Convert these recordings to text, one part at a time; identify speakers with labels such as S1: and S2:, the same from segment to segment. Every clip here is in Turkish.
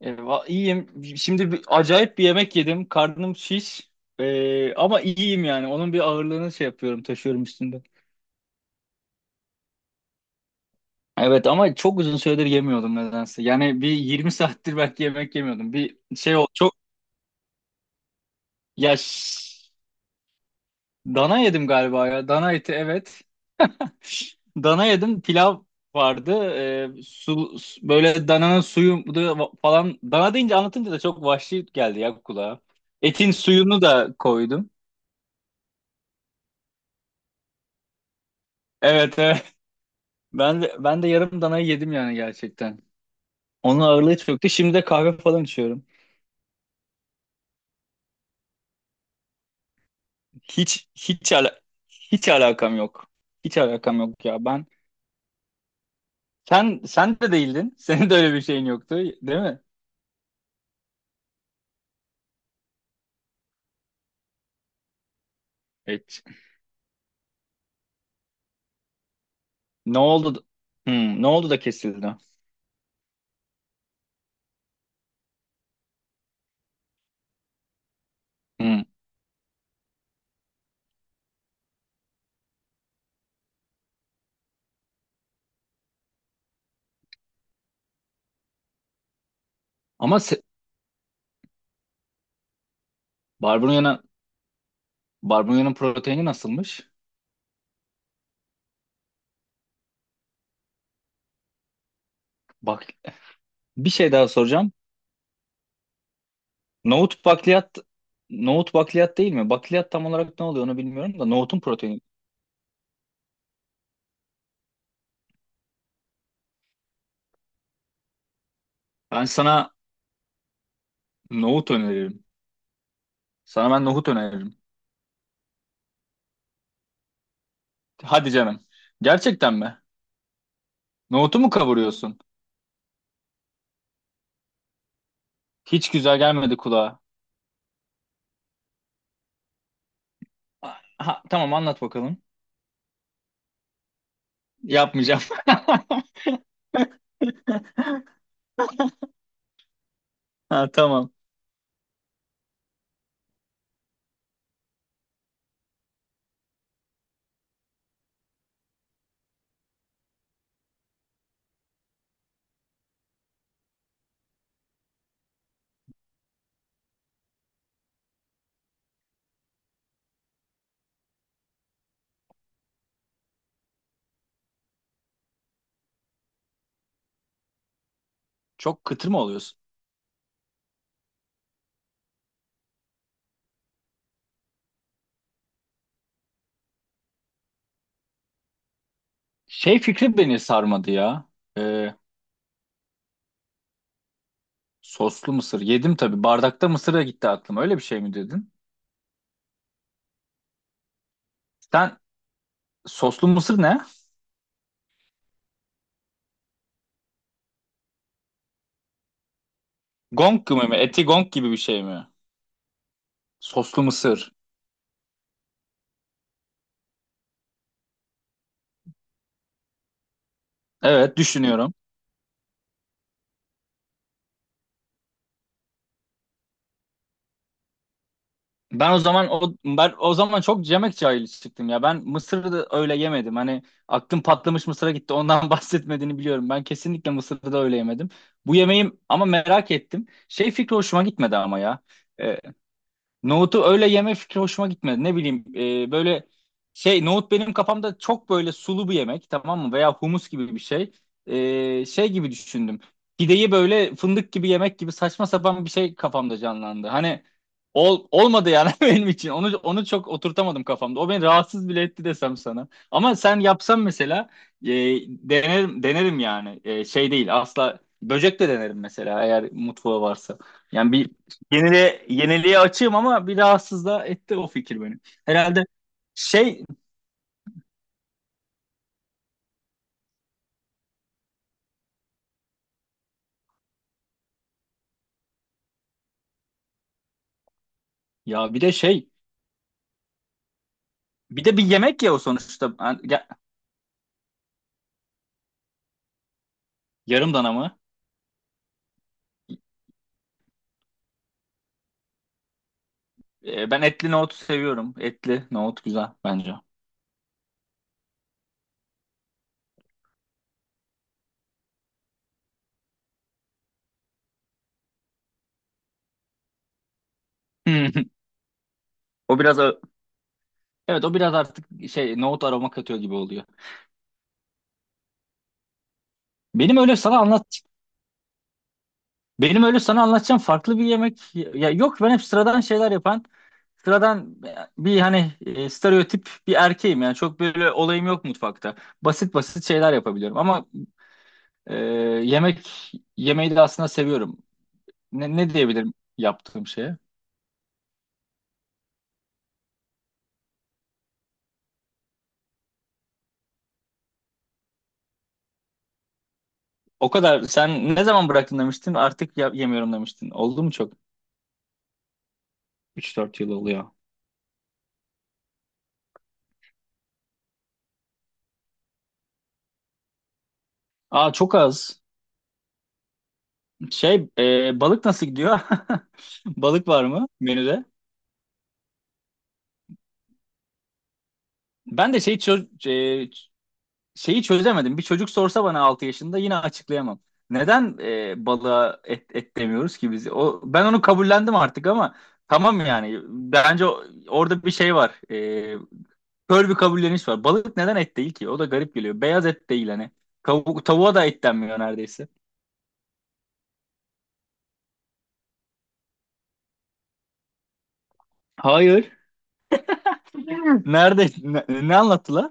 S1: Eyvah, iyiyim. Şimdi acayip bir yemek yedim. Karnım şiş. Ama iyiyim yani. Onun bir ağırlığını şey yapıyorum, taşıyorum üstünde. Evet ama çok uzun süredir yemiyordum nedense. Yani bir 20 saattir belki yemek yemiyordum. Bir şey o çok ya ş- dana yedim galiba ya. Dana eti evet. Dana yedim. Pilav vardı. Böyle dananın suyu falan. Dana deyince anlatınca da çok vahşi geldi ya kulağa. Etin suyunu da koydum. Evet, evet. Ben de yarım danayı yedim yani gerçekten. Onun ağırlığı hiç. Şimdi de kahve falan içiyorum. Hiç hiç ala- hiç alakam yok. Hiç alakam yok ya. Ben sen sen de değildin. Senin de öyle bir şeyin yoktu, değil mi? Evet. Ne oldu? Ne oldu da kesildi? Hmm. Ama barbunya'nın barbunya'nın proteini nasılmış? Bak bir şey daha soracağım. Nohut bakliyat nohut bakliyat değil mi? Bakliyat tam olarak ne oluyor onu bilmiyorum da nohutun proteini. Ben sana nohut öneririm. Sana ben nohut öneririm. Hadi canım. Gerçekten mi? Nohutu mu kavuruyorsun? Hiç güzel gelmedi kulağa. Ha, tamam anlat bakalım. Yapmayacağım. Ha, tamam. Çok kıtır mı oluyorsun? Şey fikri beni sarmadı ya. Ee, Soslu mısır. Yedim tabii. Bardakta mısır da gitti aklıma. Öyle bir şey mi dedin? Sen soslu mısır ne? Gong gibi mi? Eti gong gibi bir şey mi? Soslu mısır. Evet, düşünüyorum. Ben o zaman çok yemek cahili çıktım ya. Ben mısırı da öyle yemedim. Hani aklım patlamış mısıra gitti. Ondan bahsetmediğini biliyorum. Ben kesinlikle mısırı da öyle yemedim. Bu yemeğim ama merak ettim. Şey fikri hoşuma gitmedi ama ya. Ee, Nohutu öyle yeme fikri hoşuma gitmedi. Ne bileyim böyle şey nohut benim kafamda çok böyle sulu bir yemek, tamam mı? Veya humus gibi bir şey. Şey gibi düşündüm. Pideyi böyle fındık gibi yemek gibi saçma sapan bir şey kafamda canlandı. Hani olmadı yani benim için. Onu çok oturtamadım kafamda. O beni rahatsız bile etti desem sana. Ama sen yapsan mesela e, denerim denerim yani. Şey değil, asla, böcek de denerim mesela eğer mutfağı varsa. Yani bir yeniliğe açığım ama bir rahatsız da etti o fikir beni. Herhalde şey ya bir de bir yemek ya o sonuçta. Yarım dana mı? Ben etli nohut seviyorum. Etli nohut güzel bence. O biraz a- evet, o biraz artık şey nohut aroma katıyor gibi oluyor. Benim öyle sana anlat Benim öyle sana anlatacağım farklı bir yemek ya yok, ben hep sıradan şeyler yapan sıradan bir hani stereotip bir erkeğim yani, çok böyle olayım yok mutfakta. Basit basit şeyler yapabiliyorum ama Ee, yemek yemeği de aslında seviyorum. Ne diyebilirim yaptığım şeye? O kadar. Sen ne zaman bıraktın demiştin? Artık yemiyorum demiştin. Oldu mu çok? 3-4 yıl oluyor. Aa, çok az. Balık nasıl gidiyor? Balık var mı menüde? Ben de e, şeyi çözemedim. Bir çocuk sorsa bana 6 yaşında yine açıklayamam. Neden balığa et demiyoruz ki biz? O, ben onu kabullendim artık ama tamam yani. Bence orada bir şey var. Kör bir kabulleniş var. Balık neden et değil ki? O da garip geliyor. Beyaz et değil hani. Tavuğa da et denmiyor neredeyse. Hayır. Nerede? Ne anlattılar?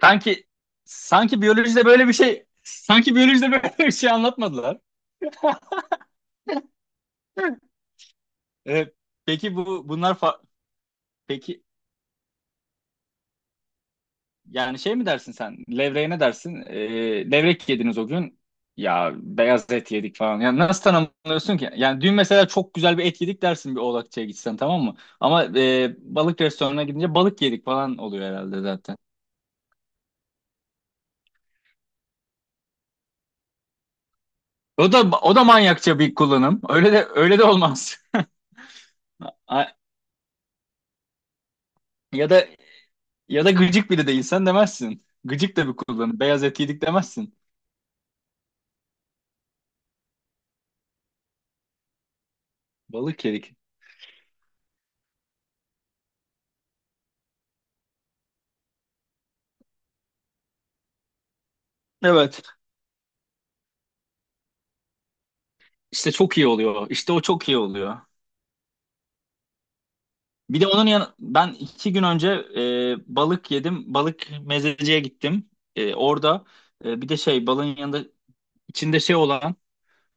S1: Sanki sanki biyolojide böyle bir şey, sanki biyolojide böyle bir şey anlatmadılar. Ee, peki bu bunlar fa- peki Yani şey mi dersin sen? Levreye ne dersin? Levrek yediniz o gün. Ya beyaz et yedik falan. Yani nasıl tanımlıyorsun ki? Yani dün mesela çok güzel bir et yedik dersin bir Oğlakçı'ya gitsen, tamam mı? Ama balık restoranına gidince balık yedik falan oluyor herhalde zaten. O da manyakça bir kullanım. Öyle de olmaz. A- Ya da ya da gıcık biri değilsen demezsin. Gıcık da bir kullanım. Beyaz et yedik demezsin. Balık yedik. Evet. İşte çok iyi oluyor. İşte o çok iyi oluyor. Bir de onun yan ben 2 gün önce balık yedim. Balık mezeciye gittim. Orada bir de şey balığın yanında içinde şey olan.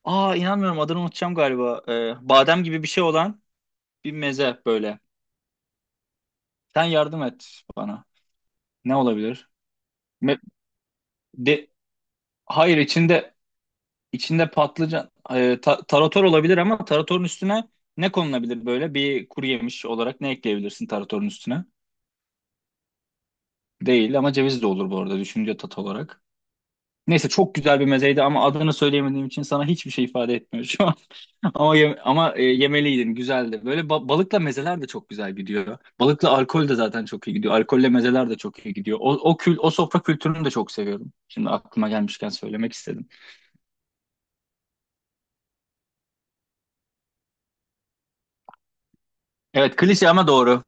S1: Aa, inanmıyorum, adını unutacağım galiba. Badem gibi bir şey olan bir meze böyle. Sen yardım et bana. Ne olabilir? Me- de, hayır, içinde patlıcan tarator olabilir ama taratorun üstüne ne konulabilir böyle? Bir kuru yemiş olarak ne ekleyebilirsin taratorun üstüne? Değil ama ceviz de olur bu arada, düşünce tat olarak. Neyse, çok güzel bir mezeydi ama adını söyleyemediğim için sana hiçbir şey ifade etmiyor şu an. Ama yemeliydin, güzeldi. Böyle balıkla mezeler de çok güzel gidiyor. Balıkla alkol de zaten çok iyi gidiyor. Alkolle mezeler de çok iyi gidiyor. O sofra kültürünü de çok seviyorum. Şimdi aklıma gelmişken söylemek istedim. Evet, klişe ama doğru.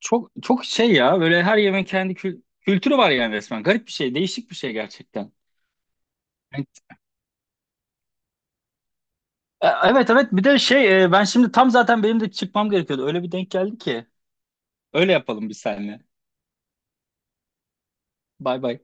S1: Çok çok şey ya, böyle her yemeğin kendi kültürü var yani, resmen. Garip bir şey, değişik bir şey gerçekten. Evet. Evet, evet. bir de şey e, ben şimdi tam zaten benim de çıkmam gerekiyordu. Öyle bir denk geldi ki. Öyle yapalım biz seninle. Bay bay.